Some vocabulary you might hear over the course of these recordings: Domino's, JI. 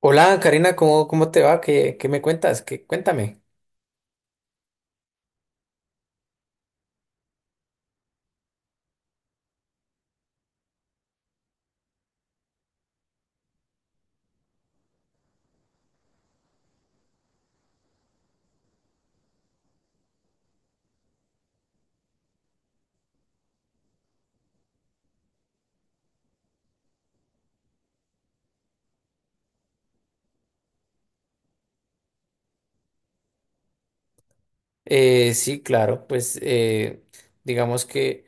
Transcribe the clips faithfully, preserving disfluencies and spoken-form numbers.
Hola Karina, ¿cómo, cómo te va? ¿Qué, qué me cuentas? ¿Qué, cuéntame. Eh, sí, claro, pues eh, digamos que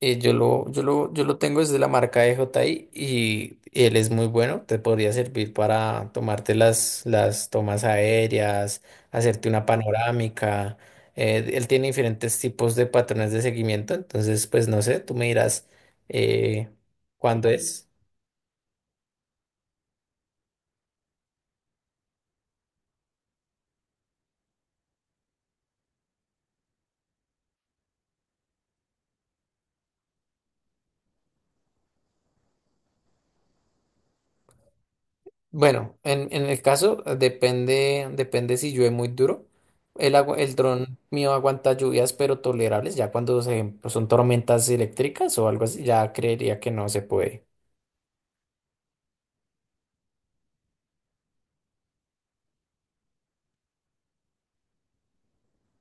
eh, yo lo, yo lo, yo lo tengo desde la marca de J I y, y él es muy bueno, te podría servir para tomarte las, las tomas aéreas, hacerte una panorámica. Eh, él tiene diferentes tipos de patrones de seguimiento, entonces pues no sé, tú me dirás eh, cuándo es. Bueno, en, en el caso eh, depende, depende si llueve muy duro. El agua, el dron mío aguanta lluvias, pero tolerables. Ya cuando se- pues, son tormentas eléctricas o algo así, ya creería que no se puede.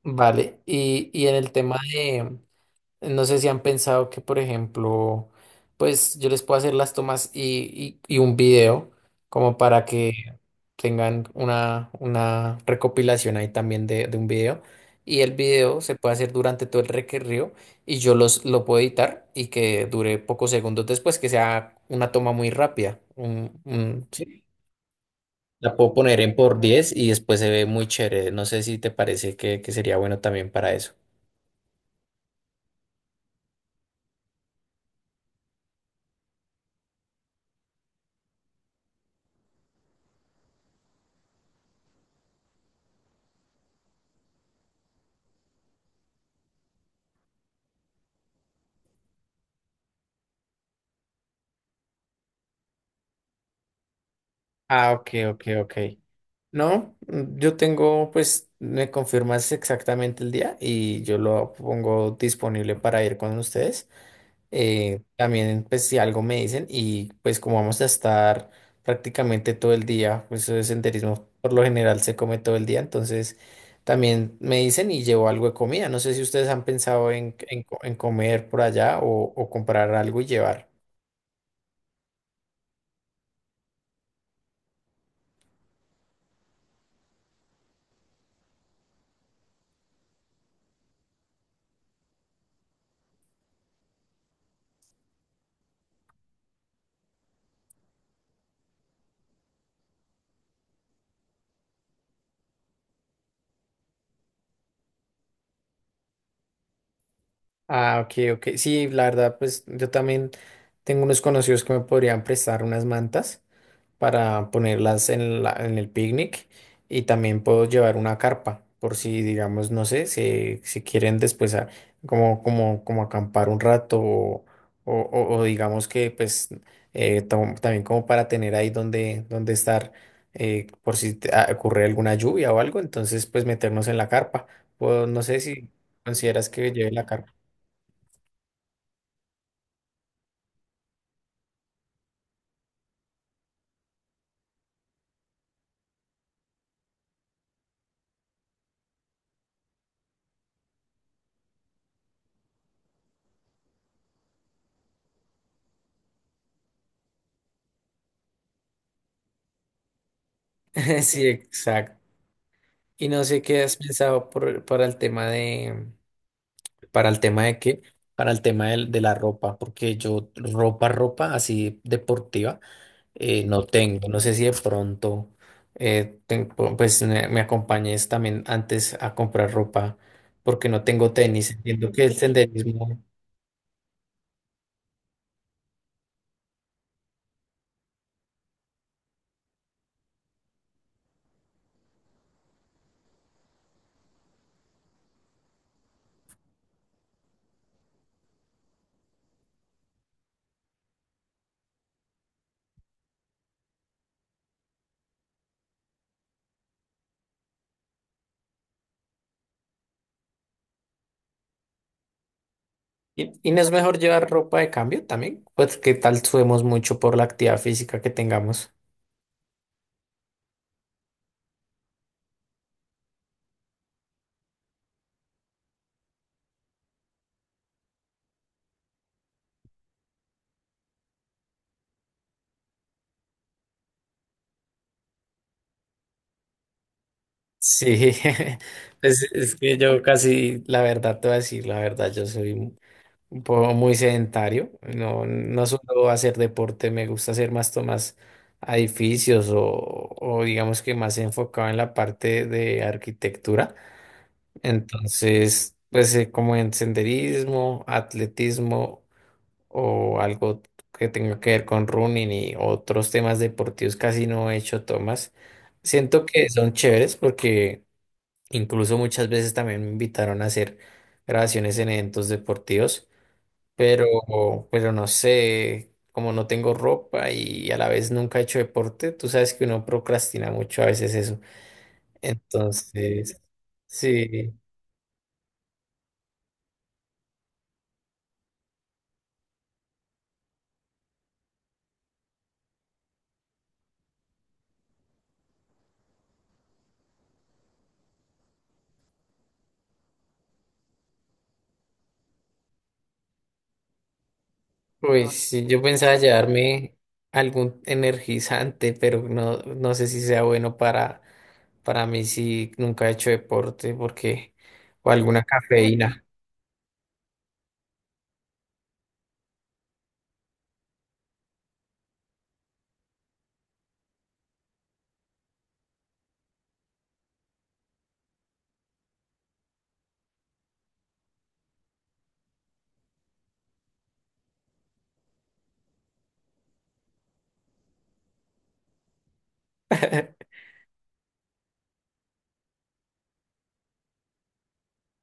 Vale. Y, y en el tema. No sé si han pensado que, por ejemplo, pues yo les puedo hacer las tomas y, y- y un video como para que tengan una, una recopilación ahí también de, de un video. Y el video se puede hacer durante todo el recorrido y yo los, lo puedo editar y que dure pocos segundos después, que sea una toma muy rápida. Un- un- sí. La puedo poner en por diez y después se ve muy chévere. No sé si te parece que, que sería bueno también para eso. Ah, ok, ok, ok. No, mm, yo tengo, pues, me confirmas exactamente el día y yo lo pongo disponible para ir con ustedes. Eh, también, pues, si algo me dicen y pues como vamos a estar prácticamente todo el día, pues eso de senderismo por lo general se come todo el día, entonces también me dicen y llevo algo de comida. No sé si ustedes han pensado en, en co- en comer por allá o, o comprar algo y llevar. Ah, ok, ok. Sí, la verdad, pues yo también tengo unos conocidos que me podrían prestar unas mantas para ponerlas en la- en el picnic y también puedo llevar una carpa por si, digamos, no sé, si, si quieren después a- como, como, como acampar un rato o, o- o- o digamos que pues eh, tam- también como para tener ahí donde, donde estar eh, por si te- ah, ocurre alguna lluvia o algo, entonces pues meternos en la carpa. O no sé si consideras que lleve la carpa. Sí, exacto. Y no sé qué has pensado por- para el tema de, para el tema de qué, para el tema del- de, la ropa, porque yo ropa, ropa así deportiva eh, no tengo. No sé si de pronto, eh, ten- pu- pues me, me acompañes también antes a comprar ropa, porque no tengo tenis. Entiendo que el senderismo. Y, y no es mejor llevar ropa de cambio también, pues qué tal subimos mucho por la actividad física que tengamos. Sí, pues es que yo casi, la verdad te voy a decir, la verdad, yo soy un un poco muy sedentario, no, no suelo hacer deporte, me gusta hacer más tomas a edificios o, o digamos que más enfocado en la parte de arquitectura, entonces, pues eh, como en senderismo, atletismo o algo que tenga que ver con running y otros temas deportivos, casi no he hecho tomas. Siento que son chéveres porque incluso muchas veces también me invitaron a hacer grabaciones en eventos deportivos, pero, pero no sé, como no tengo ropa y a la vez nunca he hecho deporte, tú sabes que uno procrastina mucho a veces eso. Entonces, sí, pues sí, yo pensaba llevarme algún energizante, pero no, no sé si sea bueno para, para mí si nunca he hecho deporte, porque, o alguna cafeína,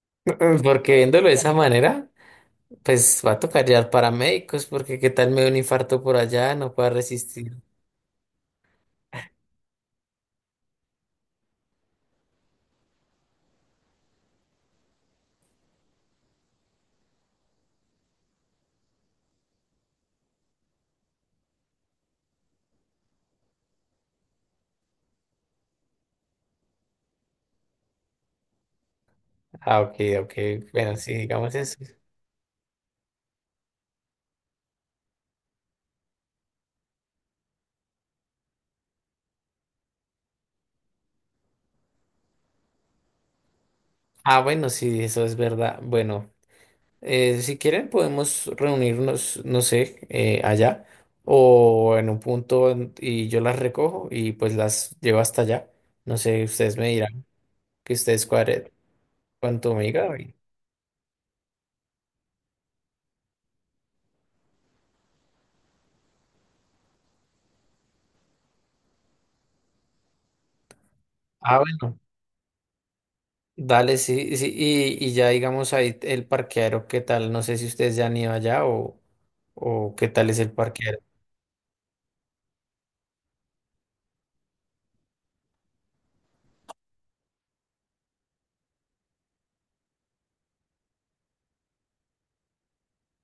porque viéndolo de esa manera. Pues va a tocar ya paramédicos, porque qué tal me da un infarto por allá, no pueda resistir. Ah, ok, ok. Bueno, sí, digamos eso. Ah, bueno, sí, eso es verdad. Bueno, eh, si quieren podemos reunirnos, no sé, eh, allá o en un punto en- y yo las recojo y pues las llevo hasta allá. No sé, ustedes me dirán que ustedes cuadren cuánto me diga. y- Ah, bueno. Dale, sí, sí, y, y ya digamos ahí el parqueadero, ¿qué tal? No sé si ustedes ya han ido allá o, o qué tal es el parqueadero.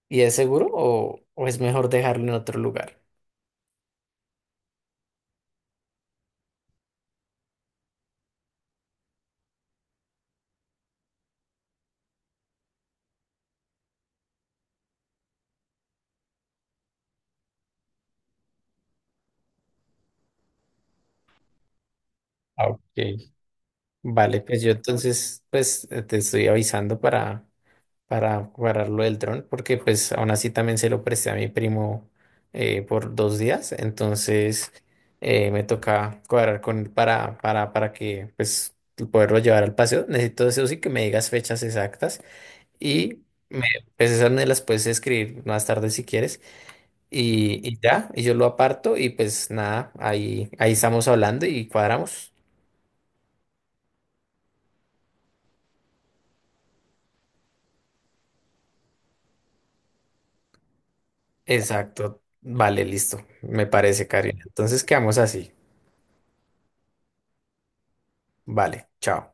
¿Y es seguro o, o es mejor dejarlo en otro lugar? Ah, ok. Vale, pues yo entonces pues eh, te estoy avisando para, para cuadrar lo del dron, porque pues aún así también se lo presté a mi primo eh, por dos días, entonces eh, me toca cuadrar con él para, para, para que pues poderlo llevar al paseo. Necesito eso sí que me digas fechas exactas. Y me, pues esas me las puedes escribir más tarde si quieres. Y, y ya, y yo lo aparto y pues nada, ahí, ahí estamos hablando y cuadramos. Exacto. Vale, listo. Me parece, Karina. Entonces quedamos así. Vale, chao.